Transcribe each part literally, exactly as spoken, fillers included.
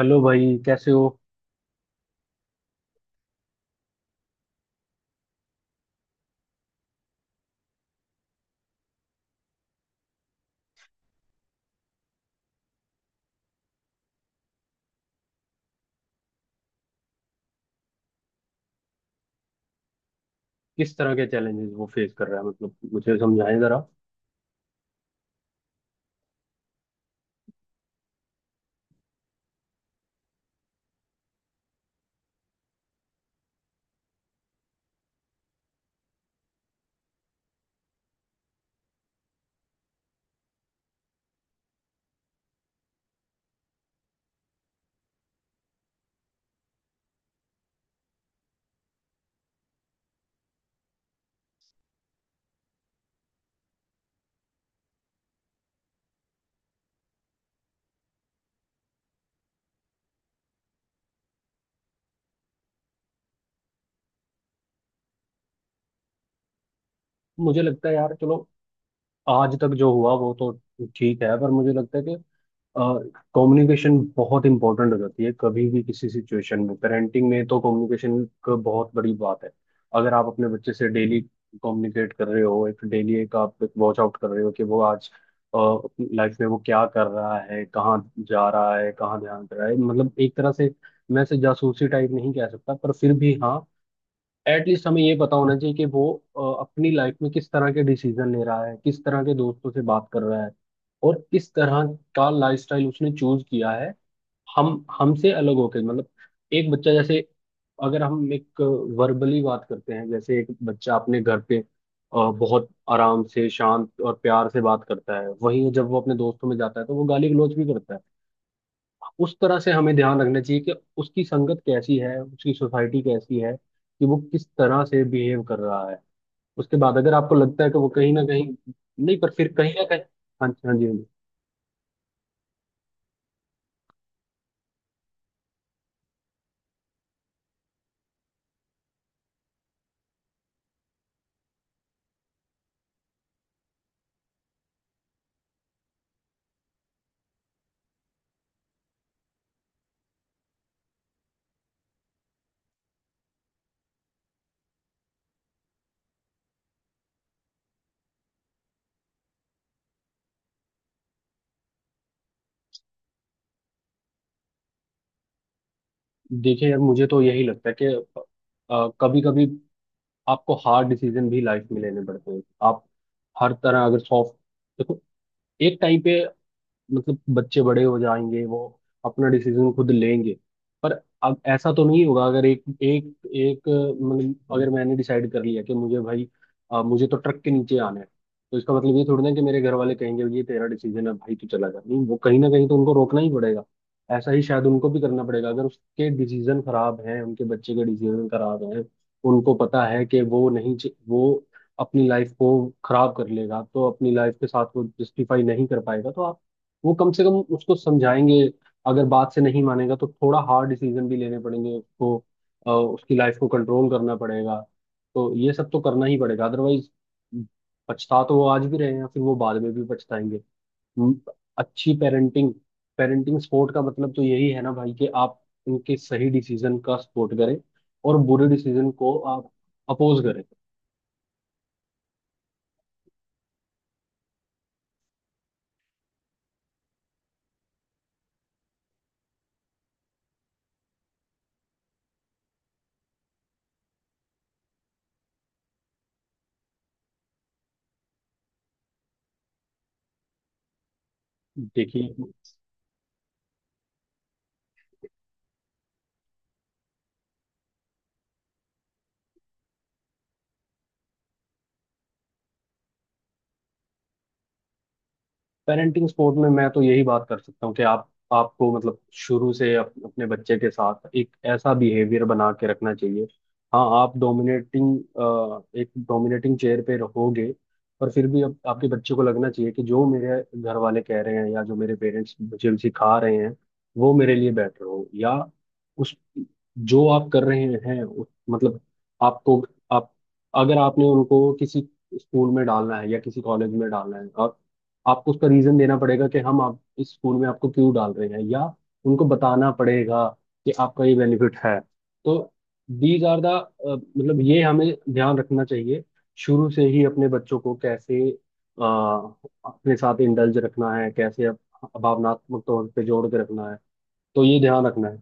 Hello भाई, कैसे हो? किस तरह के चैलेंजेस वो फेस कर रहा है? मतलब मुझे समझाएं जरा। मुझे लगता है यार, चलो आज तक जो हुआ वो तो ठीक है, पर मुझे लगता है कि कम्युनिकेशन बहुत इंपॉर्टेंट हो जाती है। कभी भी किसी सिचुएशन में पेरेंटिंग में तो कम्युनिकेशन का बहुत बड़ी बात है। अगर आप अपने बच्चे से डेली कम्युनिकेट कर रहे हो, एक डेली एक आप एक वॉच आउट कर रहे हो कि वो आज लाइफ में वो क्या कर रहा है, कहाँ जा रहा है, कहाँ ध्यान दे रहा है, मतलब एक तरह से मैं इसे जासूसी टाइप नहीं कह सकता पर फिर भी, हाँ, एटलीस्ट हमें ये पता होना चाहिए कि वो अ, अपनी लाइफ में किस तरह के डिसीजन ले रहा है, किस तरह के दोस्तों से बात कर रहा है, और किस तरह का लाइफस्टाइल उसने चूज किया है। हम हमसे अलग होके, मतलब एक बच्चा जैसे, अगर हम एक वर्बली बात करते हैं, जैसे एक बच्चा अपने घर पे अ, बहुत आराम से शांत और प्यार से बात करता है, वहीं जब वो अपने दोस्तों में जाता है तो वो गाली गलौज भी करता है। उस तरह से हमें ध्यान रखना चाहिए कि उसकी संगत कैसी है, उसकी सोसाइटी कैसी है, कि वो किस तरह से बिहेव कर रहा है। उसके बाद अगर आपको लगता है कि वो कहीं ना कहीं, नहीं, पर फिर कहीं ना कहीं। हाँ जी, हाँ जी, हाँ जी। देखिए यार, मुझे तो यही लगता है कि कभी कभी आपको हार्ड डिसीजन भी लाइफ में लेने पड़ते हैं। आप हर तरह अगर सॉफ्ट, देखो, एक टाइम पे मतलब बच्चे बड़े हो जाएंगे, वो अपना डिसीजन खुद लेंगे। पर अब ऐसा तो नहीं होगा, अगर एक एक एक मतलब अगर मैंने डिसाइड कर लिया कि मुझे भाई अ, मुझे तो ट्रक के नीचे आना है, तो इसका मतलब ये थोड़ी ना कि मेरे घर वाले कहेंगे ये तेरा डिसीजन है भाई तू चला जा। नहीं, वो कहीं ना कहीं तो उनको रोकना ही पड़ेगा। ऐसा ही शायद उनको भी करना पड़ेगा। अगर उसके डिसीजन खराब हैं, उनके बच्चे के डिसीजन खराब हैं, उनको पता है कि वो नहीं च- वो अपनी लाइफ को खराब कर लेगा, तो अपनी लाइफ के साथ वो जस्टिफाई नहीं कर पाएगा, तो वो कम से कम उसको समझाएंगे। अगर बात से नहीं मानेगा तो थोड़ा हार्ड डिसीजन भी लेने पड़ेंगे उसको, अ, उसकी लाइफ को कंट्रोल करना पड़ेगा। तो ये सब तो करना ही पड़ेगा, अदरवाइज पछता तो वो आज भी रहे हैं, फिर वो बाद में भी पछताएंगे। हम्म, अच्छी पेरेंटिंग पेरेंटिंग सपोर्ट का मतलब तो यही है ना भाई, कि आप उनके सही डिसीजन का सपोर्ट करें, और बुरे डिसीजन को आप अपोज करें। देखिए, पेरेंटिंग सपोर्ट में मैं तो यही बात कर सकता हूँ कि आप आपको मतलब शुरू से अप, अपने बच्चे के साथ एक ऐसा बिहेवियर बना के रखना चाहिए। हाँ, आप डोमिनेटिंग एक डोमिनेटिंग चेयर पे रहोगे, पर फिर भी अब आपके बच्चे को लगना चाहिए कि जो मेरे घर वाले कह रहे हैं या जो मेरे पेरेंट्स मुझे सिखा रहे हैं वो मेरे लिए बेटर हो, या उस जो आप कर रहे हैं उस- मतलब आपको, आप अगर आपने उनको किसी स्कूल में डालना है या किसी कॉलेज में डालना है, आपको उसका रीजन देना पड़ेगा कि हम आप इस स्कूल में आपको क्यों डाल रहे हैं, या उनको बताना पड़ेगा कि आपका ये बेनिफिट है। तो दीज आर द मतलब ये हमें ध्यान रखना चाहिए शुरू से ही, अपने बच्चों को कैसे अ, अपने साथ इंडल्ज रखना है, कैसे अप- भावनात्मक तौर पे जोड़ के रखना है। तो ये ध्यान रखना है।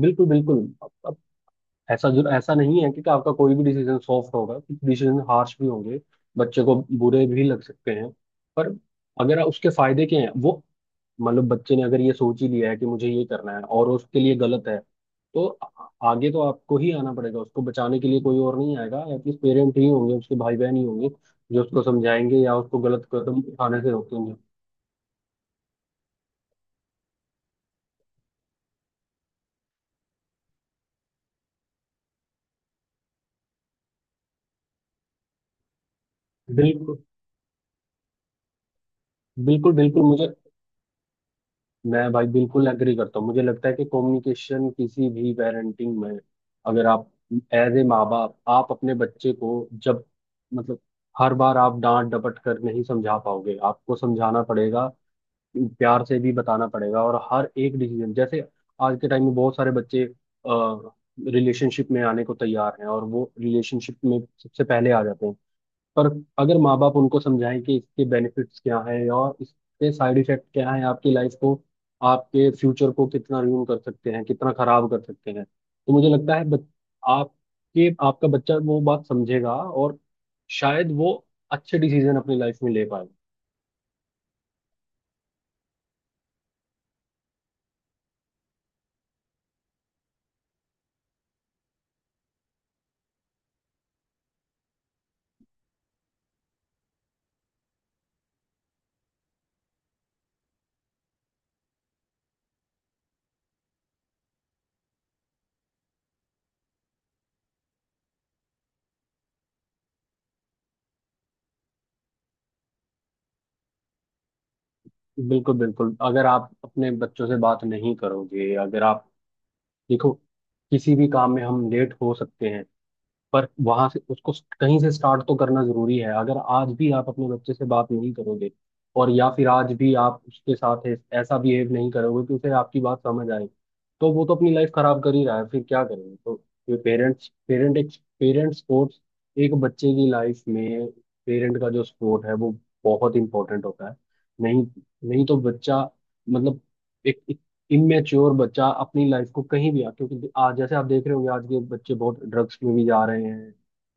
बिल्कुल, बिल्कुल। ऐसा जरूर ऐसा नहीं है कि कि आपका कोई भी डिसीजन सॉफ्ट होगा, कुछ डिसीजन हार्श भी होंगे, बच्चे को बुरे भी लग सकते हैं। पर अगर उसके फायदे क्या हैं वो, मतलब बच्चे ने अगर ये सोच ही लिया है कि मुझे ये करना है, और उसके लिए गलत है, तो आ- आगे तो आपको ही आना पड़ेगा उसको बचाने के लिए। कोई और नहीं आएगा, एटलीस्ट पेरेंट ही होंगे, उसके भाई बहन ही होंगे जो उसको समझाएंगे या उसको गलत कदम उठाने से रोकेंगे। बिल्कुल, बिल्कुल, बिल्कुल। मुझे मैं भाई बिल्कुल एग्री करता हूँ। मुझे लगता है कि कम्युनिकेशन किसी भी पेरेंटिंग में, अगर आप एज ए माँ बाप आप अपने बच्चे को, जब, मतलब हर बार आप डांट डपट कर नहीं समझा पाओगे, आपको समझाना पड़ेगा, प्यार से भी बताना पड़ेगा, और हर एक डिसीजन जैसे, आज के टाइम में बहुत सारे बच्चे रिलेशनशिप में आने को तैयार हैं, और वो रिलेशनशिप में सबसे पहले आ जाते हैं। पर अगर माँ बाप उनको समझाएं कि इसके बेनिफिट्स क्या हैं और इसके साइड इफेक्ट क्या हैं, आपकी लाइफ को, आपके फ्यूचर को कितना रूइन कर सकते हैं, कितना खराब कर सकते हैं, तो मुझे लगता है बच- आपके आपका बच्चा वो बात समझेगा, और शायद वो अच्छे डिसीजन अपनी लाइफ में ले पाएगा। बिल्कुल, बिल्कुल। अगर आप अपने बच्चों से बात नहीं करोगे, अगर आप, देखो, किसी भी काम में हम लेट हो सकते हैं, पर वहां से उसको कहीं से स्टार्ट तो करना जरूरी है। अगर आज भी आप अपने बच्चे से बात नहीं करोगे, और या फिर आज भी आप उसके साथ ऐस- ऐसा बिहेव नहीं करोगे कि उसे आपकी बात समझ आए, तो वो तो अपनी लाइफ खराब कर ही रहा है, फिर क्या करेंगे? तो ये पेरेंट्स पेरेंट एक पेरेंट सपोर्ट, एक बच्चे की लाइफ में पेरेंट का जो सपोर्ट है वो बहुत इंपॉर्टेंट होता है। नहीं, नहीं तो बच्चा, मतलब एक इमेच्योर बच्चा अपनी लाइफ को कहीं भी आ, क्योंकि आज जैसे आप देख रहे होंगे, आज के बच्चे बहुत ड्रग्स में भी जा रहे हैं,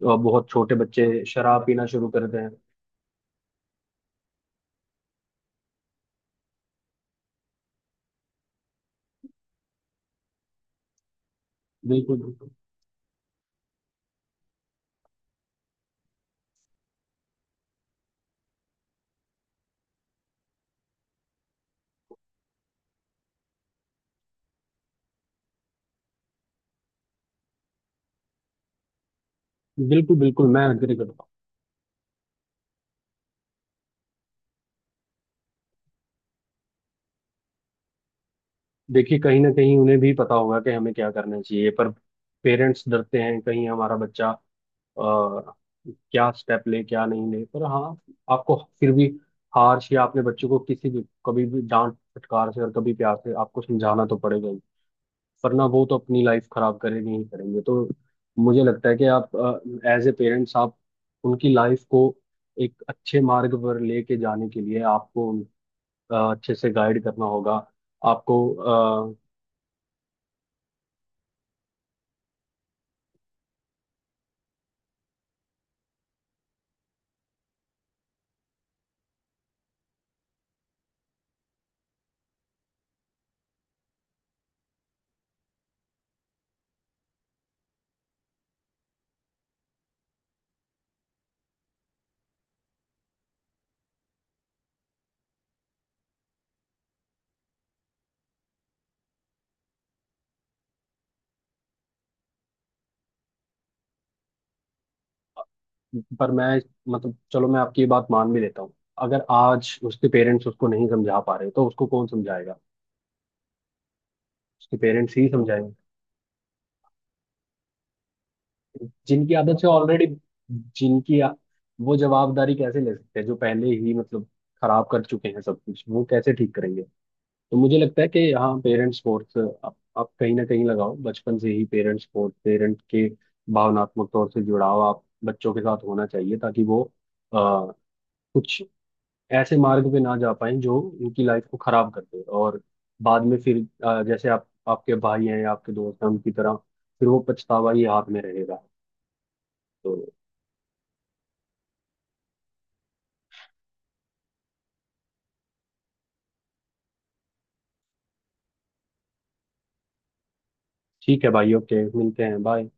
और बहुत छोटे बच्चे शराब पीना शुरू करते हैं। बिल्कुल, बिल्कुल। बिल्कुल, बिल्कुल मैं एग्री करता हूँ। देखिए, कहीं ना कहीं उन्हें भी पता होगा कि हमें क्या करना चाहिए, पर पेरेंट्स डरते हैं कहीं हमारा बच्चा अ, क्या स्टेप ले क्या नहीं ले। पर हाँ, आपको फिर भी, हार या अपने बच्चों को किसी भी, कभी भी डांट फटकार से और कभी प्यार से आपको समझाना तो पड़ेगा ही। वरना वो तो अपनी लाइफ खराब करेंगे ही करेंगे। तो मुझे लगता है कि आप एज ए पेरेंट्स, आप उनकी लाइफ को एक अच्छे मार्ग पर लेके जाने के लिए आपको अ, अच्छे से गाइड करना होगा। आपको अ, पर मैं, मतलब चलो मैं आपकी ये बात मान भी लेता हूँ। अगर आज उसके पेरेंट्स उसको नहीं समझा पा रहे तो उसको कौन समझाएगा? उसके पेरेंट्स ही समझाएंगे। जिनकी आदत से ऑलरेडी, जिनकी आ, वो जवाबदारी कैसे ले सकते हैं जो पहले ही, मतलब खराब कर चुके हैं सब कुछ, वो कैसे ठीक करेंगे? तो मुझे लगता है कि यहाँ पेरेंट्स स्पोर्ट्स आप, आप कहीं ना कहीं लगाओ बचपन से ही, पेरेंट्स स्पोर्ट्स, पेरेंट के भावनात्मक तौर से जुड़ाव आप बच्चों के साथ होना चाहिए, ताकि वो आ, कुछ ऐसे मार्ग पे ना जा पाए जो उनकी लाइफ को खराब कर दे, और बाद में फिर, अ, जैसे आप आपके भाई हैं या आपके दोस्त हैं उनकी तरह, फिर वो पछतावा ही हाथ में रहेगा। तो ठीक है भाई, ओके, मिलते हैं, बाय।